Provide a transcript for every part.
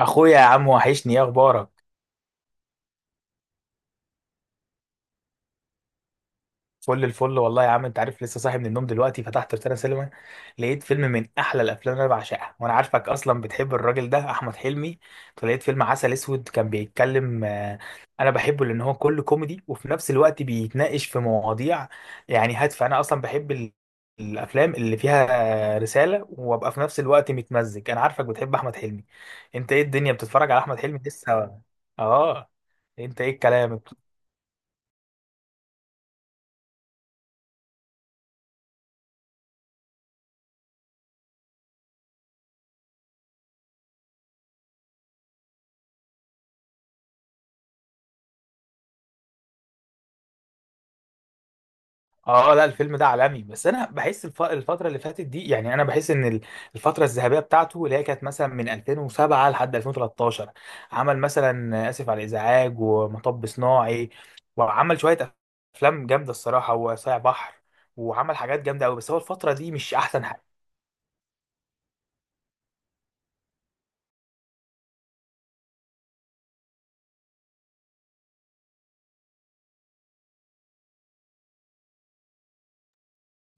اخويا يا عم، وحشني. ايه اخبارك؟ فل الفل والله يا عم، انت عارف، لسه صاحي من النوم. دلوقتي فتحت روتانا سينما، لقيت فيلم من احلى الافلام اللي انا بعشقها، وانا عارفك اصلا بتحب الراجل ده، احمد حلمي. فلقيت فيلم عسل اسود كان بيتكلم. انا بحبه لان هو كله كوميدي، وفي نفس الوقت بيتناقش في مواضيع يعني هادفه. انا اصلا بحب الافلام اللي فيها رساله، وابقى في نفس الوقت متمزج. انا عارفك بتحب احمد حلمي. انت ايه الدنيا، بتتفرج على احمد حلمي لسه؟ اه. انت ايه الكلام؟ اه، لا، الفيلم ده عالمي. بس انا بحس الفتره اللي فاتت دي، يعني انا بحس ان الفتره الذهبيه بتاعته، اللي هي كانت مثلا من 2007 لحد 2013. عمل مثلا اسف على الازعاج، ومطب صناعي، وعمل شويه افلام جامده الصراحه، وصايع بحر، وعمل حاجات جامده قوي. بس هو الفتره دي مش احسن حاجه.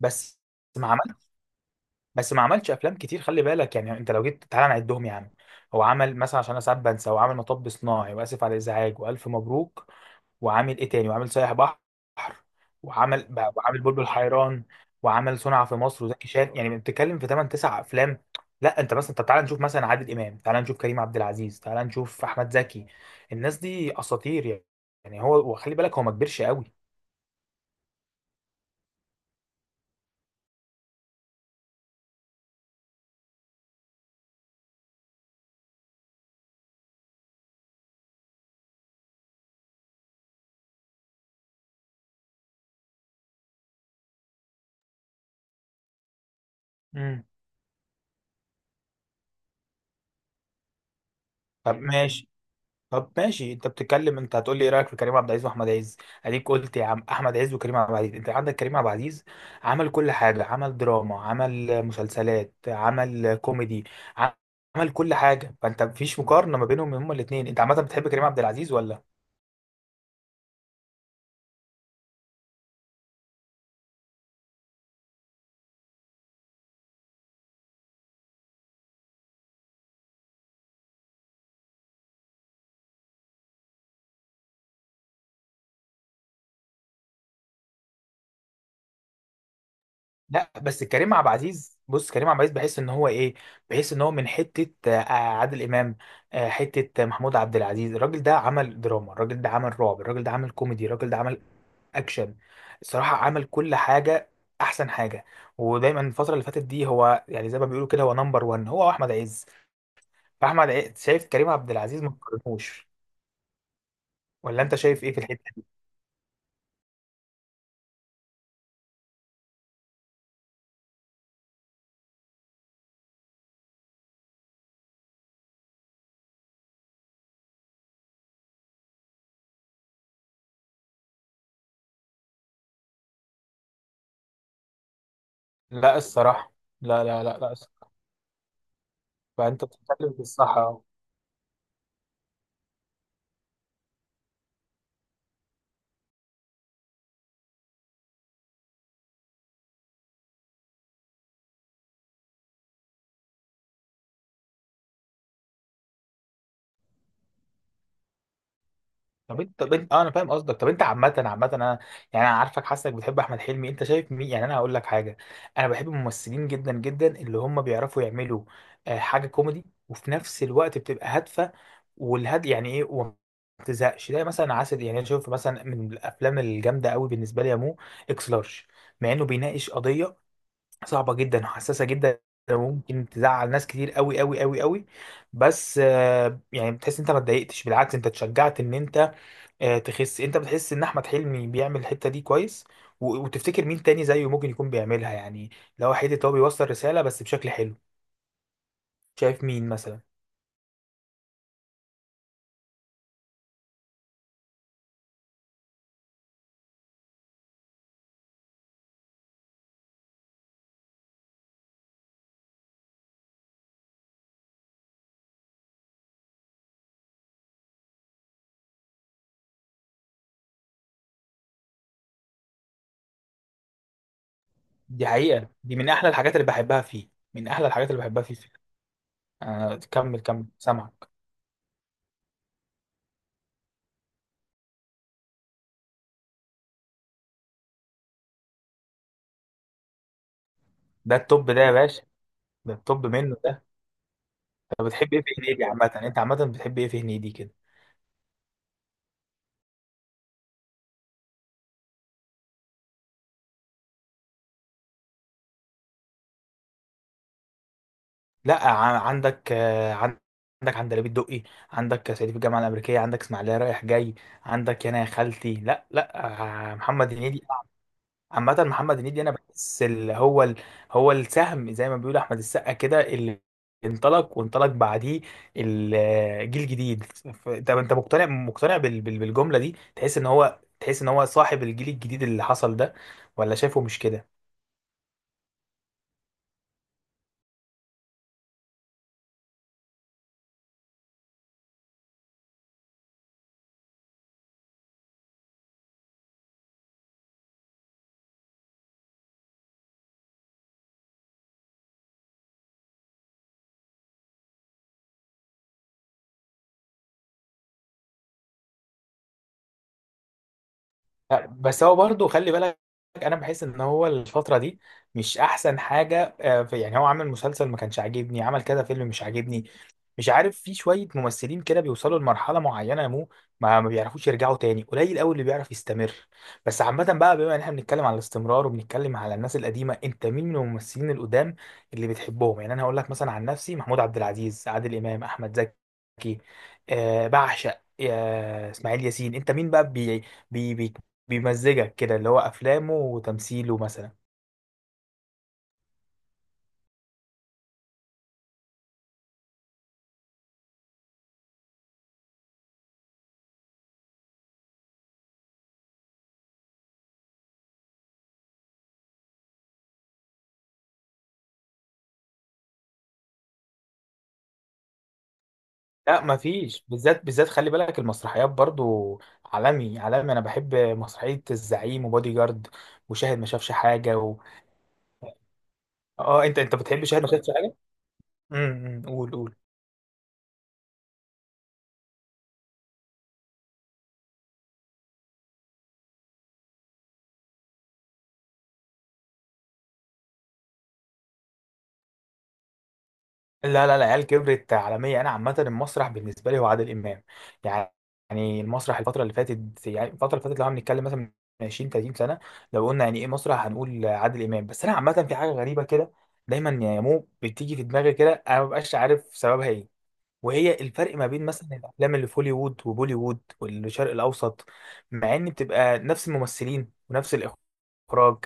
بس ما عمل بس ما عملش افلام كتير، خلي بالك، يعني انت لو جيت تعالى نعدهم يا عم. هو عمل مثلا، عشان انا ساعات بنسى، هو عمل مطب صناعي، واسف على الازعاج، والف مبروك، وعامل ايه تاني، وعامل سايح بحر، وعامل بلبل حيران، وعمل صنع في مصر، وزكي شان، يعني بتتكلم في 8 9 افلام. لا، انت مثلا طب تعالى نشوف مثلا عادل امام، تعالى نشوف كريم عبد العزيز، تعالى نشوف احمد زكي. الناس دي اساطير يعني. يعني هو، وخلي بالك، هو ما كبرش قوي. امم. طب ماشي، طب ماشي، انت بتتكلم، انت هتقول لي ايه رايك في كريم عبد العزيز واحمد عز؟ اديك قلت يا عم احمد عز وكريم عبد العزيز. انت عندك كريم عبد العزيز، عمل كل حاجه، عمل دراما، عمل مسلسلات، عمل كوميدي، عمل كل حاجه. فانت مفيش مقارنه ما بينهم هما الاثنين. انت عامه بتحب كريم عبد العزيز ولا؟ لا، بس كريم عبد العزيز، بص، كريم عبد العزيز بحس ان هو ايه، بحس ان هو من حته عادل امام، حته محمود عبد العزيز. الراجل ده عمل دراما، الراجل ده عمل رعب، الراجل ده عمل كوميدي، الراجل ده عمل اكشن، الصراحه عمل كل حاجه. احسن حاجه. ودايما الفتره اللي فاتت دي هو، يعني زي ما بيقولوا كده، هو نمبر 1، هو احمد عز. فاحمد عز شايف كريم عبد العزيز، ما تقارنوش. ولا انت شايف ايه في الحته دي؟ لا الصراحه، لا، لا، لا، لا، فانت بتتكلم في الصح. طب انت، اه، انا فاهم قصدك. طب انت عامة انا، يعني انا عارفك حاسك بتحب احمد حلمي. انت شايف مين؟ يعني انا هقول لك حاجة. انا بحب الممثلين جدا جدا اللي هم بيعرفوا يعملوا حاجة كوميدي، وفي نفس الوقت بتبقى هادفة، والهاد يعني ايه، وما تزهقش. ده مثلا عسل، يعني انا شايف مثلا من الافلام الجامدة قوي بالنسبة لي يا مو. اكس لارج، مع انه بيناقش قضية صعبة جدا وحساسة جدا، وممكن تزعل ناس كتير قوي قوي قوي قوي. بس يعني بتحس انت ما اتضايقتش، بالعكس انت اتشجعت، ان انت تخس. انت بتحس ان احمد حلمي بيعمل الحته دي كويس، وتفتكر مين تاني زيه ممكن يكون بيعملها يعني، لو حته هو بيوصل رساله بس بشكل حلو. شايف مين مثلا؟ دي حقيقه، دي من احلى الحاجات اللي بحبها فيه، من احلى الحاجات اللي بحبها فيه. آه، كمل كمل، سامعك. ده التوب ده يا باشا، ده التوب منه ده. طب بتحب ايه في هنيدي؟ عامه انت عامه بتحب ايه في هنيدي كده؟ لا، عندك عندك عندليب الدقي، عندك صعيدي في الجامعه الامريكيه، عندك اسماعيليه رايح جاي، عندك يانا يا خالتي. لا، لا، محمد هنيدي. عامة محمد هنيدي، أنا بحس اللي هو هو السهم، زي ما بيقول أحمد السقا كده، اللي انطلق وانطلق بعديه، الجيل الجديد. طب أنت مقتنع مقتنع بالجملة دي، تحس إن هو صاحب الجيل الجديد اللي حصل ده، ولا شايفه مش كده؟ لا، بس هو برضه خلي بالك، انا بحس ان هو الفتره دي مش احسن حاجه. يعني هو عمل مسلسل ما كانش عاجبني، عمل كذا فيلم مش عاجبني، مش عارف. في شويه ممثلين كده بيوصلوا لمرحله معينه يا مو، ما بيعرفوش يرجعوا تاني. قليل قوي اللي بيعرف يستمر. بس عامه بقى، بما ان احنا بنتكلم على الاستمرار وبنتكلم على الناس القديمه، انت مين من الممثلين القدام اللي بتحبهم؟ يعني انا هقول لك مثلا عن نفسي، محمود عبد العزيز، عادل امام، احمد زكي، آه بعشق، آه اسماعيل ياسين. انت مين بقى، بي بيمزجك كده، اللي هو افلامه وتمثيله مثلا؟ لا، مفيش، بالذات بالذات خلي بالك المسرحيات برضو. عالمي عالمي، انا بحب مسرحية الزعيم، وبودي جارد، وشاهد ما شافش حاجة اه، انت بتحب شاهد ما شافش حاجة؟ امم، أمم، قول قول. لا، لا، العيال كبرت عالمية. أنا عامة المسرح بالنسبة لي هو عادل إمام يعني. يعني المسرح الفترة اللي فاتت، يعني الفترة اللي فاتت لو هنتكلم مثلا من 20 30 سنة، لو قلنا يعني إيه مسرح هنقول عادل إمام. بس أنا عامة في حاجة غريبة كده، دايما يا مو بتيجي في دماغي كده، أنا مبقاش عارف سببها إيه، وهي الفرق ما بين مثلا الافلام اللي في هوليوود وبوليوود والشرق الاوسط، مع ان بتبقى نفس الممثلين ونفس الاخراج،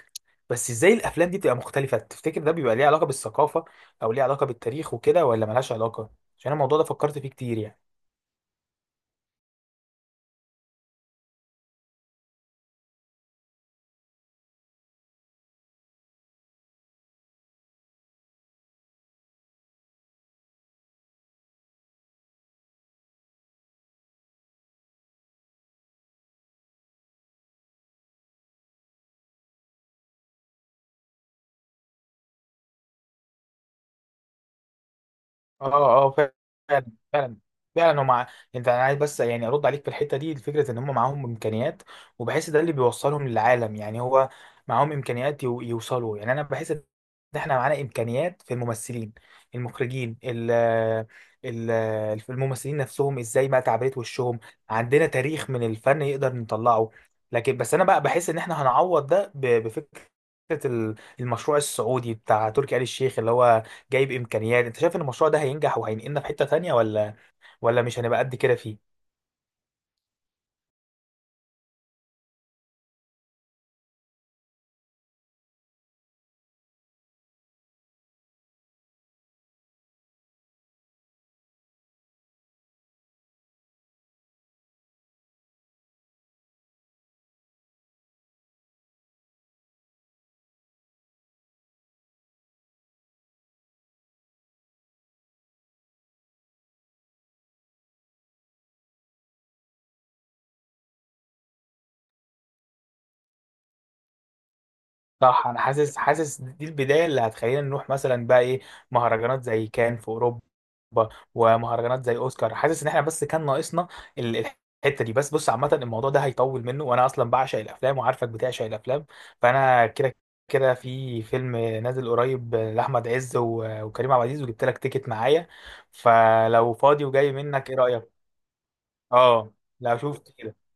بس ازاي الافلام دي بتبقى مختلفه؟ تفتكر ده بيبقى ليه علاقه بالثقافه، او ليه علاقه بالتاريخ وكده، ولا ملهاش علاقه؟ عشان الموضوع ده فكرت فيه كتير يعني. اه، اه، فعلا، فعلا، فعلا، هم انا عايز بس يعني ارد عليك في الحته دي، الفكره ان هم معاهم امكانيات، وبحس ده اللي بيوصلهم للعالم يعني. هو معاهم امكانيات يوصلوا، يعني انا بحس ان احنا معانا امكانيات، في الممثلين، المخرجين، ال... الممثلين نفسهم، ازاي بقى تعبيرات وشهم. عندنا تاريخ من الفن يقدر نطلعه، لكن بس انا بقى بحس ان احنا هنعوض ده بفكره المشروع السعودي بتاع تركي آل الشيخ، اللي هو جايب امكانيات. انت شايف ان المشروع ده هينجح وهينقلنا في حتة تانية، ولا مش هنبقى قد كده فيه؟ صح، انا حاسس، حاسس دي البداية اللي هتخلينا نروح مثلا بقى ايه، مهرجانات زي كان في اوروبا، ومهرجانات زي اوسكار. حاسس ان احنا بس كان ناقصنا الحتة دي. بس بص، عامة الموضوع ده هيطول منه، وانا اصلا بعشق الافلام وعارفك بتعشق الافلام. فانا كده كده، في فيلم نازل قريب لاحمد عز وكريم عبد العزيز، وجبت لك تيكت معايا، فلو فاضي وجاي منك ايه رأيك؟ اه، لا شوف كده.